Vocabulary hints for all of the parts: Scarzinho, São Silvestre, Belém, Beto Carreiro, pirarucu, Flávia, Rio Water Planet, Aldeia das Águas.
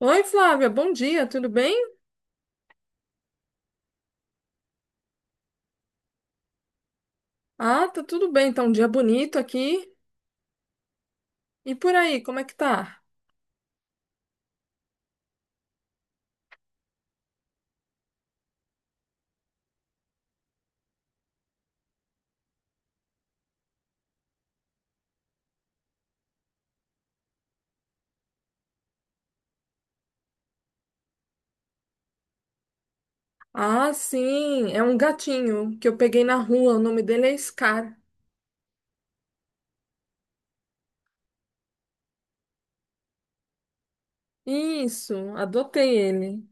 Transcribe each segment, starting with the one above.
Oi, Flávia, bom dia, tudo bem? Ah, tá tudo bem, tá um dia bonito aqui. E por aí, como é que tá? Ah, sim, é um gatinho que eu peguei na rua, o nome dele é Scar. Isso, adotei ele.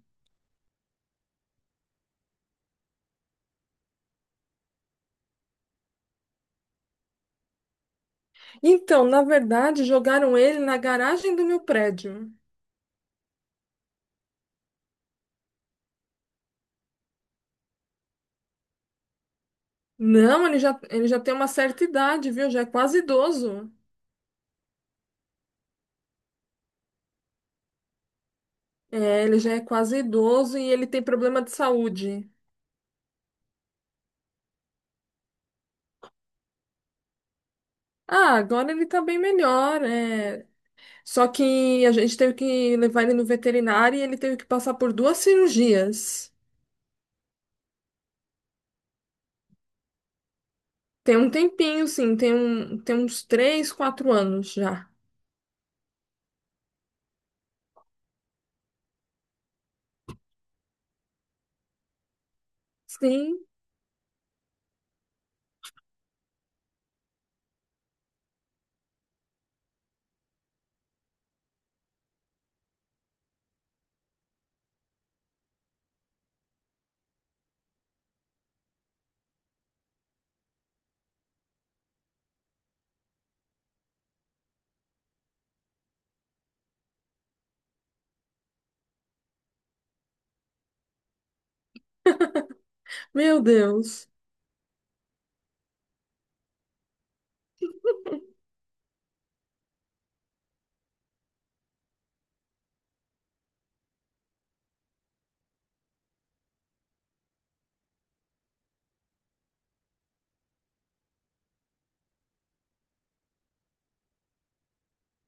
Então, na verdade, jogaram ele na garagem do meu prédio. Não, ele já tem uma certa idade, viu? Já é quase idoso. É, ele já é quase idoso e ele tem problema de saúde. Ah, agora ele tá bem melhor. Só que a gente teve que levar ele no veterinário e ele teve que passar por duas cirurgias. Tem um tempinho, sim, tem, tem uns 3, 4 anos já. Sim, meu Deus.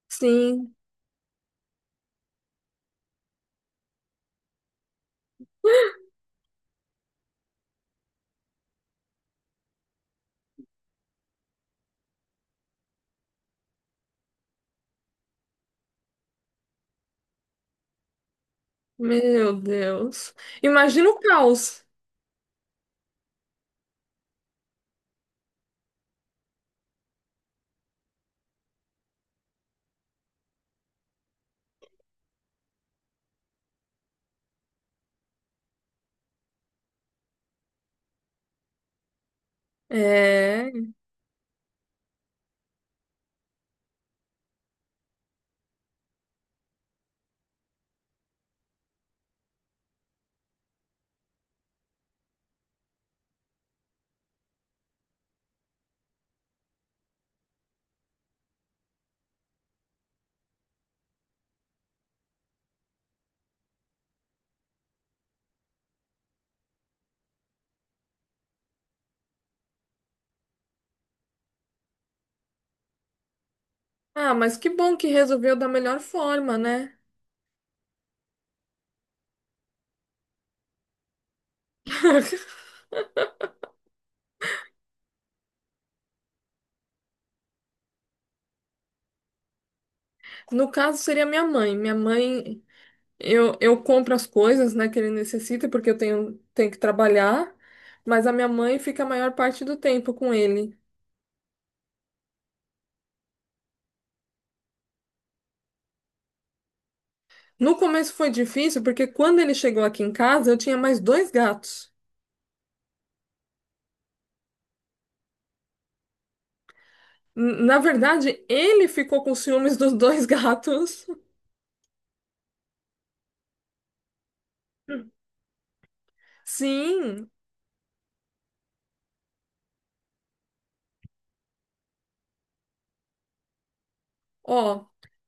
Sim, meu Deus. Imagina o caos. É. Ah, mas que bom que resolveu da melhor forma, né? No caso, seria minha mãe. Minha mãe. Eu compro as coisas, né, que ele necessita, porque eu tenho que trabalhar, mas a minha mãe fica a maior parte do tempo com ele. No começo foi difícil, porque quando ele chegou aqui em casa, eu tinha mais dois gatos. Na verdade, ele ficou com ciúmes dos dois gatos. Sim, ó,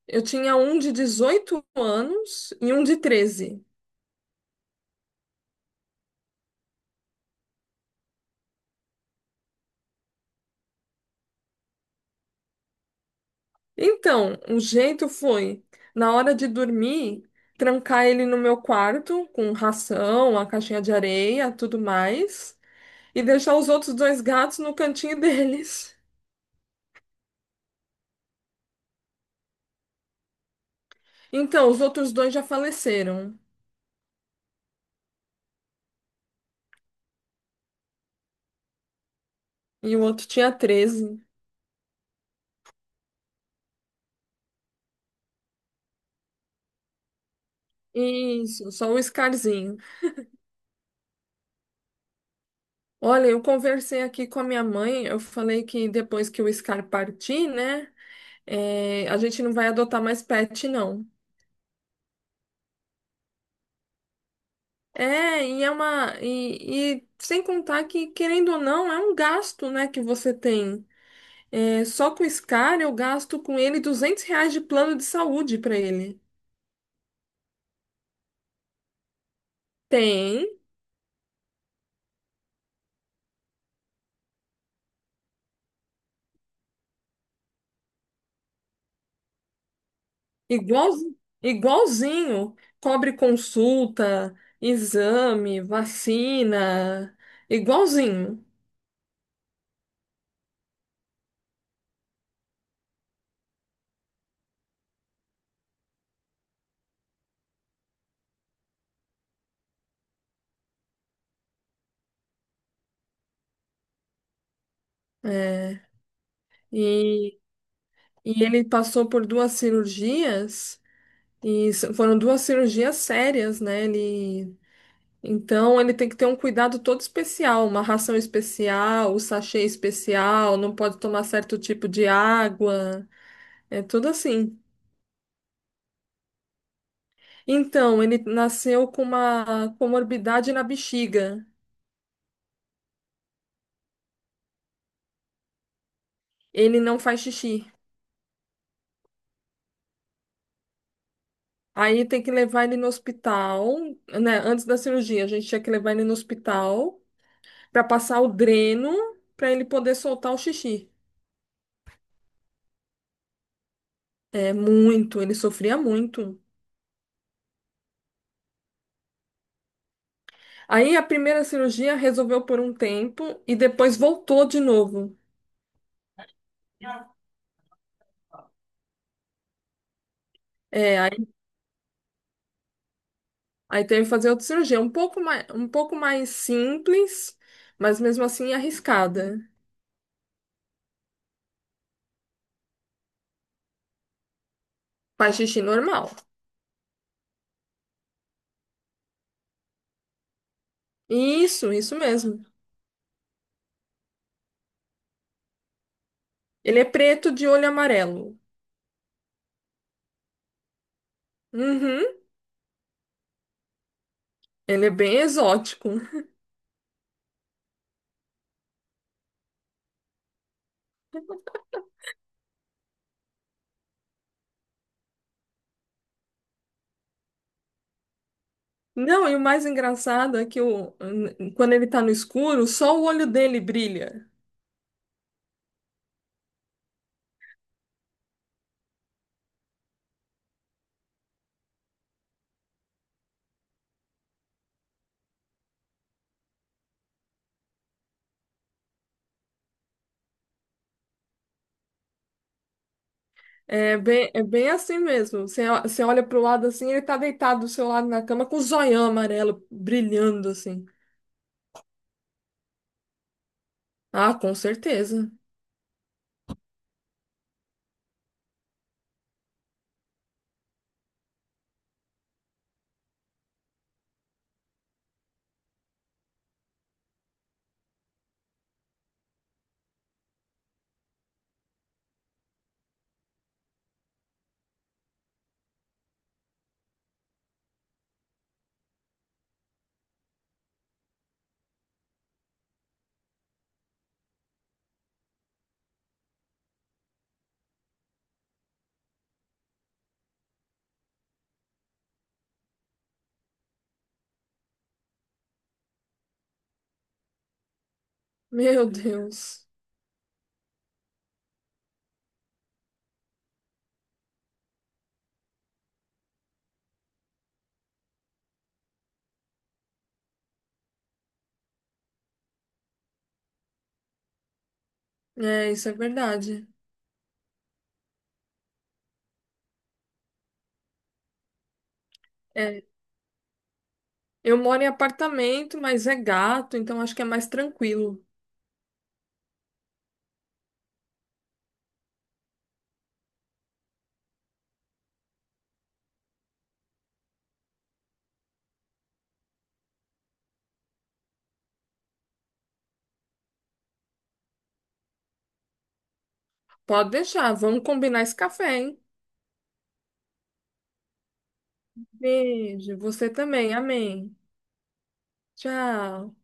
eu tinha um de 18 anos e um de 13. Então, o jeito foi, na hora de dormir, trancar ele no meu quarto com ração, a caixinha de areia, tudo mais, e deixar os outros dois gatos no cantinho deles. Então, os outros dois já faleceram e o outro tinha 13. Isso, só o Scarzinho. Olha, eu conversei aqui com a minha mãe, eu falei que depois que o Scar partir, né, a gente não vai adotar mais pet, não. É, e é uma. E sem contar que, querendo ou não, é um gasto, né, que você tem. É, só com o Scar eu gasto com ele R$ 200 de plano de saúde para ele. Tem, igual, igualzinho, cobre consulta, exame, vacina, igualzinho. É, e, e ele passou por duas cirurgias, e foram duas cirurgias sérias, né? Ele. Então ele tem que ter um cuidado todo especial, uma ração especial, o sachê especial, não pode tomar certo tipo de água, é tudo assim. Então, ele nasceu com uma comorbidade na bexiga. Ele não faz xixi. Aí tem que levar ele no hospital, né? Antes da cirurgia, a gente tinha que levar ele no hospital para passar o dreno para ele poder soltar o xixi. É muito, ele sofria muito. Aí a primeira cirurgia resolveu por um tempo e depois voltou de novo. É, aí teve que fazer outra cirurgia, um pouco mais simples, mas mesmo assim arriscada. Faz xixi normal. Isso mesmo. Ele é preto de olho amarelo. Uhum, ele é bem exótico. Não, e o mais engraçado é que quando ele tá no escuro, só o olho dele brilha. É bem assim mesmo. Você olha pro lado assim, ele tá deitado do seu lado na cama com o zoião amarelo brilhando assim. Ah, com certeza. Meu Deus. É, isso é verdade. É, eu moro em apartamento, mas é gato, então acho que é mais tranquilo. Pode deixar, vamos combinar esse café, hein? Beijo, você também. Amém. Tchau.